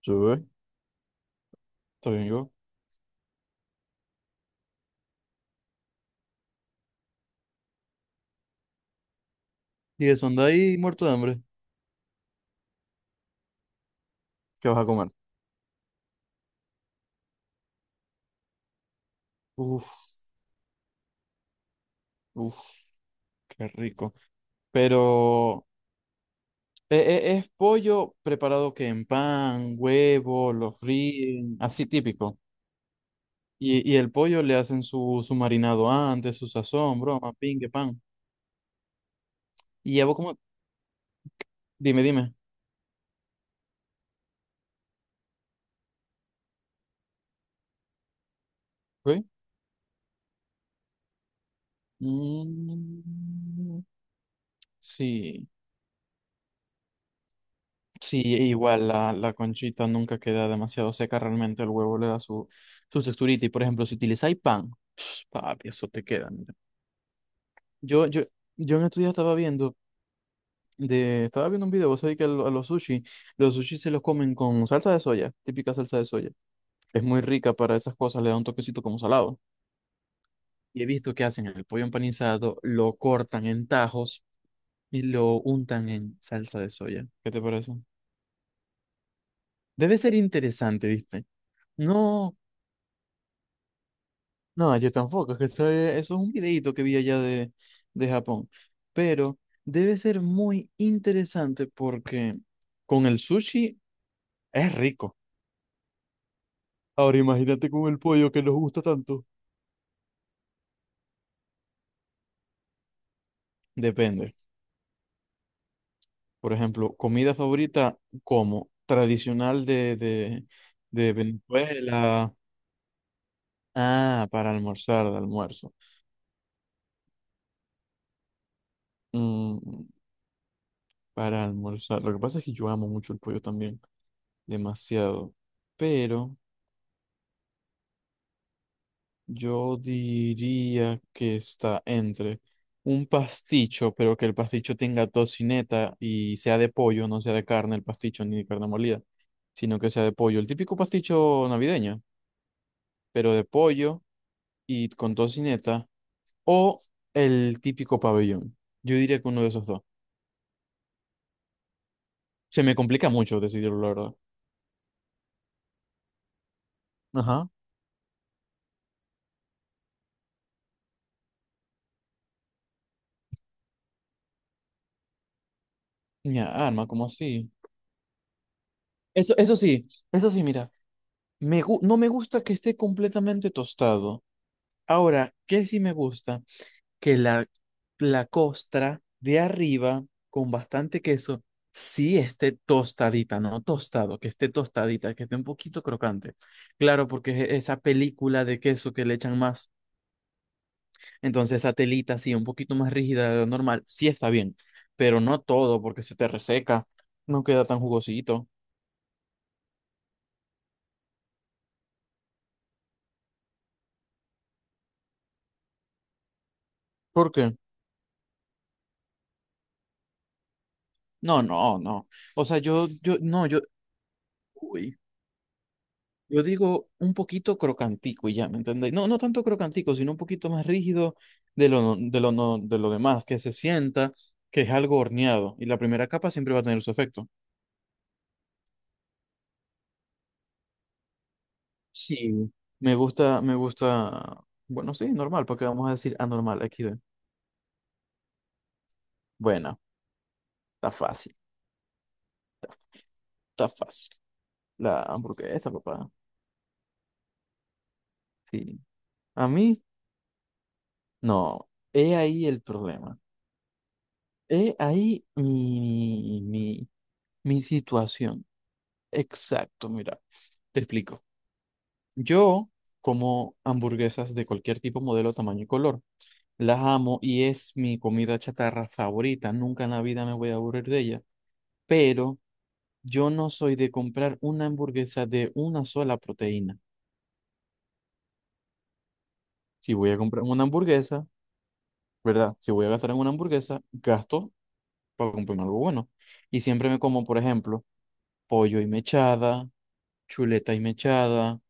Sí, güey, está bien, yo. Y eso, anda ahí muerto de hambre. ¿Qué vas a comer? Uf, uf, qué rico. Pero, es pollo preparado que en pan, huevo, lo fríen, así típico? Y el pollo le hacen su marinado antes, su sazón, broma, pingue, pan. Y ya vos como, dime, dime. ¿Ok? Mm, sí. Sí, e igual la conchita nunca queda demasiado seca, realmente el huevo le da su texturita. Y por ejemplo, si utilizáis pan, pues, papi, eso te queda, mira. Yo, yo, yo en estos días estaba viendo, estaba viendo un video, vos sabés que a los sushi se los comen con salsa de soya, típica salsa de soya. Es muy rica para esas cosas, le da un toquecito como salado. Y he visto que hacen el pollo empanizado, lo cortan en tajos y lo untan en salsa de soya. ¿Qué te parece? Debe ser interesante, ¿viste? No. No, yo tampoco, es que eso es un videíto que vi allá de Japón. Pero debe ser muy interesante porque con el sushi es rico. Ahora imagínate con el pollo que nos gusta tanto. Depende. Por ejemplo, comida favorita como tradicional de Venezuela. Ah, para almorzar, de almuerzo. Mm, para almorzar. Lo que pasa es que yo amo mucho el pollo también, demasiado. Pero yo diría que está entre un pasticho, pero que el pasticho tenga tocineta y sea de pollo, no sea de carne el pasticho ni de carne molida, sino que sea de pollo. El típico pasticho navideño, pero de pollo y con tocineta, o el típico pabellón. Yo diría que uno de esos dos. Se me complica mucho decidirlo, la verdad. Ajá. Mi arma, ¿como así? Eso, eso sí, mira. No me gusta que esté completamente tostado. Ahora, ¿qué sí me gusta? Que la costra de arriba, con bastante queso, sí esté tostadita, no tostado, que esté tostadita, que esté un poquito crocante. Claro, porque esa película de queso que le echan más, entonces esa telita así, un poquito más rígida de lo normal, sí está bien, pero no todo, porque se te reseca, no queda tan jugosito. ¿Por qué? No, no, no. O sea, yo, no, yo, uy. Yo digo un poquito crocantico y ya, ¿me entendéis? No, no tanto crocantico, sino un poquito más rígido de lo, no- de lo, no- de lo demás, que se sienta que es algo horneado y la primera capa siempre va a tener su efecto. Sí. Me gusta, bueno, sí, normal, porque vamos a decir anormal, XD. Bueno, está fácil, está fácil. La hamburguesa, papá. Sí. A mí, no. He ahí el problema. He ahí mi situación. Exacto, mira, te explico. Yo como hamburguesas de cualquier tipo, modelo, tamaño y color. Las amo y es mi comida chatarra favorita. Nunca en la vida me voy a aburrir de ella. Pero yo no soy de comprar una hamburguesa de una sola proteína. Si voy a comprar una hamburguesa, ¿verdad? Si voy a gastar en una hamburguesa, gasto para comprarme algo bueno. Y siempre me como, por ejemplo, pollo y mechada, chuleta y mechada,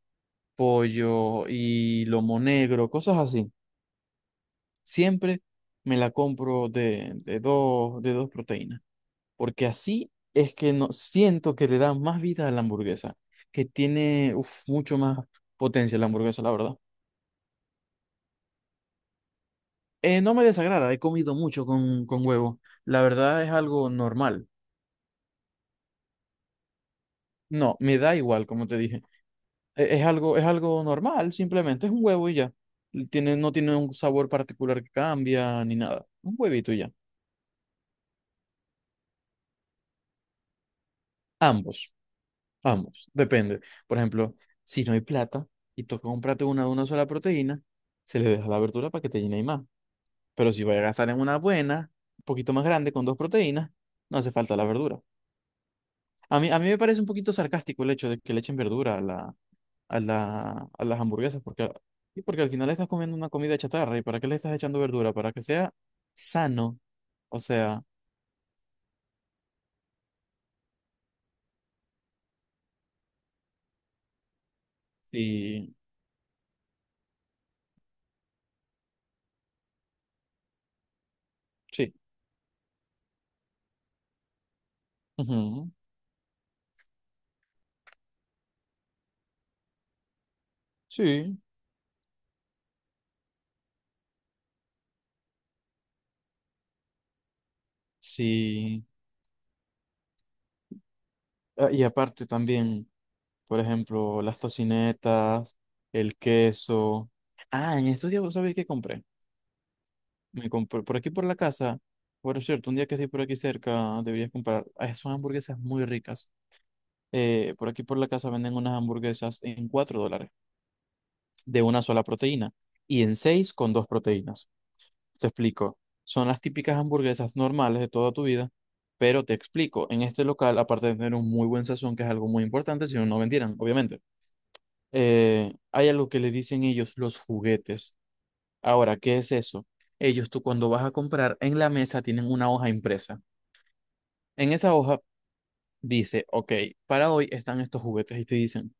pollo y lomo negro, cosas así. Siempre me la compro de dos, de dos proteínas, porque así es que no, siento que le da más vida a la hamburguesa, que tiene uf, mucho más potencia la hamburguesa, la verdad. No me desagrada, he comido mucho con huevo. La verdad es algo normal. No, me da igual, como te dije. Es algo normal, simplemente es un huevo y ya. No tiene un sabor particular que cambia ni nada. Un huevito y ya. Ambos. Ambos, depende. Por ejemplo, si no hay plata y toca comprarte una de una sola proteína, se le deja la verdura para que te llene y más. Pero si vas a gastar en una buena, un poquito más grande, con dos proteínas, no hace falta la verdura. A mí me parece un poquito sarcástico el hecho de que le echen verdura a a las hamburguesas, porque, porque al final estás comiendo una comida chatarra. ¿Y para qué le estás echando verdura? Para que sea sano. O sea, sí, sí. Ujú, sí, sí. Ah, y aparte también. Por ejemplo, las tocinetas, el queso. Ah, en estos días, ¿vos sabés qué compré? Me compré por aquí por la casa. Por cierto, un día que estés por aquí cerca, deberías comprar. Ah, son hamburguesas muy ricas. Por aquí por la casa venden unas hamburguesas en $4 de una sola proteína y en 6 con dos proteínas. Te explico. Son las típicas hamburguesas normales de toda tu vida, pero te explico. En este local, aparte de tener un muy buen sazón, que es algo muy importante, si no, no vendieran, obviamente, hay algo que le dicen ellos los juguetes. Ahora, ¿qué es eso? Ellos, tú cuando vas a comprar, en la mesa tienen una hoja impresa. En esa hoja dice, ok, para hoy están estos juguetes y te dicen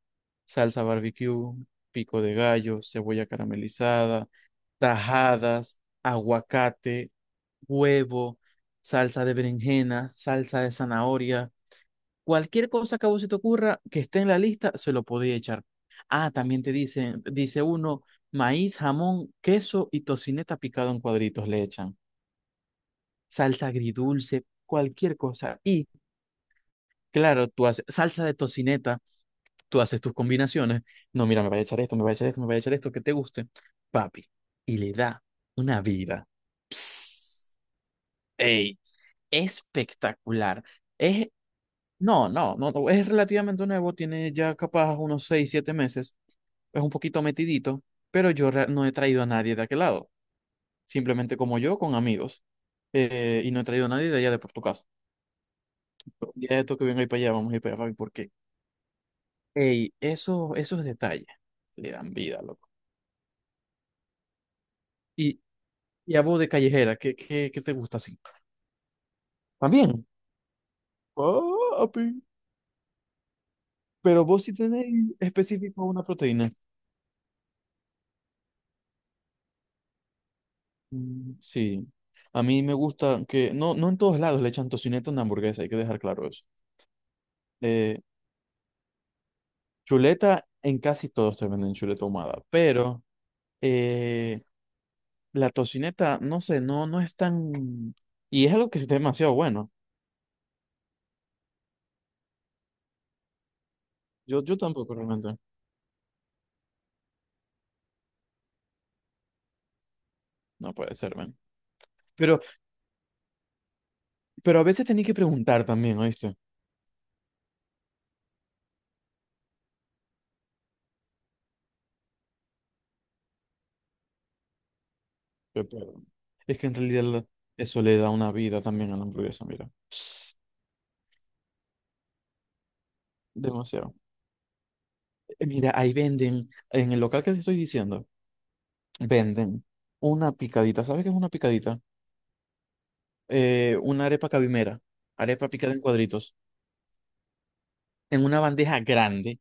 salsa barbecue, pico de gallo, cebolla caramelizada, tajadas, aguacate, huevo, salsa de berenjena, salsa de zanahoria. Cualquier cosa que a vos se te ocurra que esté en la lista, se lo podéis echar. Ah, también te dicen, dice uno, maíz, jamón, queso y tocineta picado en cuadritos le echan. Salsa agridulce, cualquier cosa. Y claro, tú haces salsa de tocineta, tú haces tus combinaciones. No, mira, me voy a echar esto, me voy a echar esto, me voy a echar esto, que te guste. Papi, y le da una vida. Psst, ey, espectacular. Es No, no, no, no, es relativamente nuevo, tiene ya capaz unos 6, 7 meses, es un poquito metidito, pero yo no he traído a nadie de aquel lado, simplemente como yo, con amigos, y no he traído a nadie de allá de por tu casa. Ya esto que venga ahí para allá, vamos a ir para allá, Fabi, porque, ey, esos detalles le dan vida, loco. Y, y a vos de callejera, ¿qué te gusta así? También. Papi, pero vos sí tenés específico una proteína. Mm, sí, a mí me gusta que no en todos lados le echan tocineta a una hamburguesa, hay que dejar claro eso. Eh, Chuleta, en casi todos te venden chuleta ahumada, pero eh, la tocineta, no sé, no es tan... Y es algo que es demasiado bueno. Yo tampoco realmente. No puede ser, ven. Pero, pero a veces tenía que preguntar también, ¿oíste? Qué pedo. Es que en realidad eso le da una vida también a la hamburguesa, mira. Demasiado. Mira, ahí venden, en el local que te estoy diciendo. Venden una picadita. ¿Sabes qué es una picadita? Una arepa cabimera. Arepa picada en cuadritos. En una bandeja grande.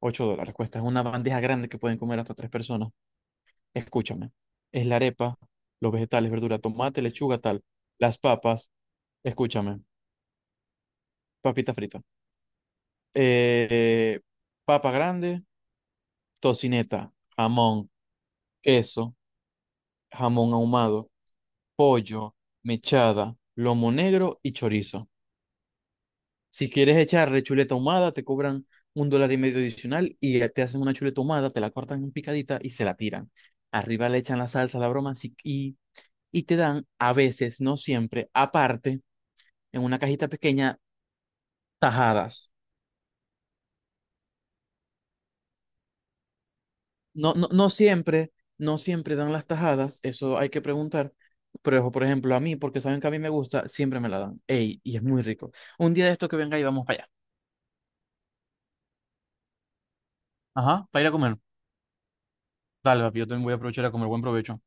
$8 cuesta. Es una bandeja grande que pueden comer hasta tres personas. Escúchame. Es la arepa, los vegetales, verdura, tomate, lechuga, tal. Las papas. Escúchame. Papita frita. eh, Papa grande, tocineta, jamón, queso, jamón ahumado, pollo, mechada, lomo negro y chorizo. Si quieres echarle chuleta ahumada, te cobran un dólar y medio adicional y te hacen una chuleta ahumada, te la cortan en picadita y se la tiran. Arriba le echan la salsa, la broma y te dan, a veces, no siempre, aparte, en una cajita pequeña, tajadas. No, no, no siempre, no siempre dan las tajadas, eso hay que preguntar. Pero, por ejemplo, a mí, porque saben que a mí me gusta, siempre me la dan. Ey, y es muy rico. Un día de esto que venga y vamos para allá. Ajá, para ir a comer. Dale, papi, yo también voy a aprovechar a comer. Buen provecho.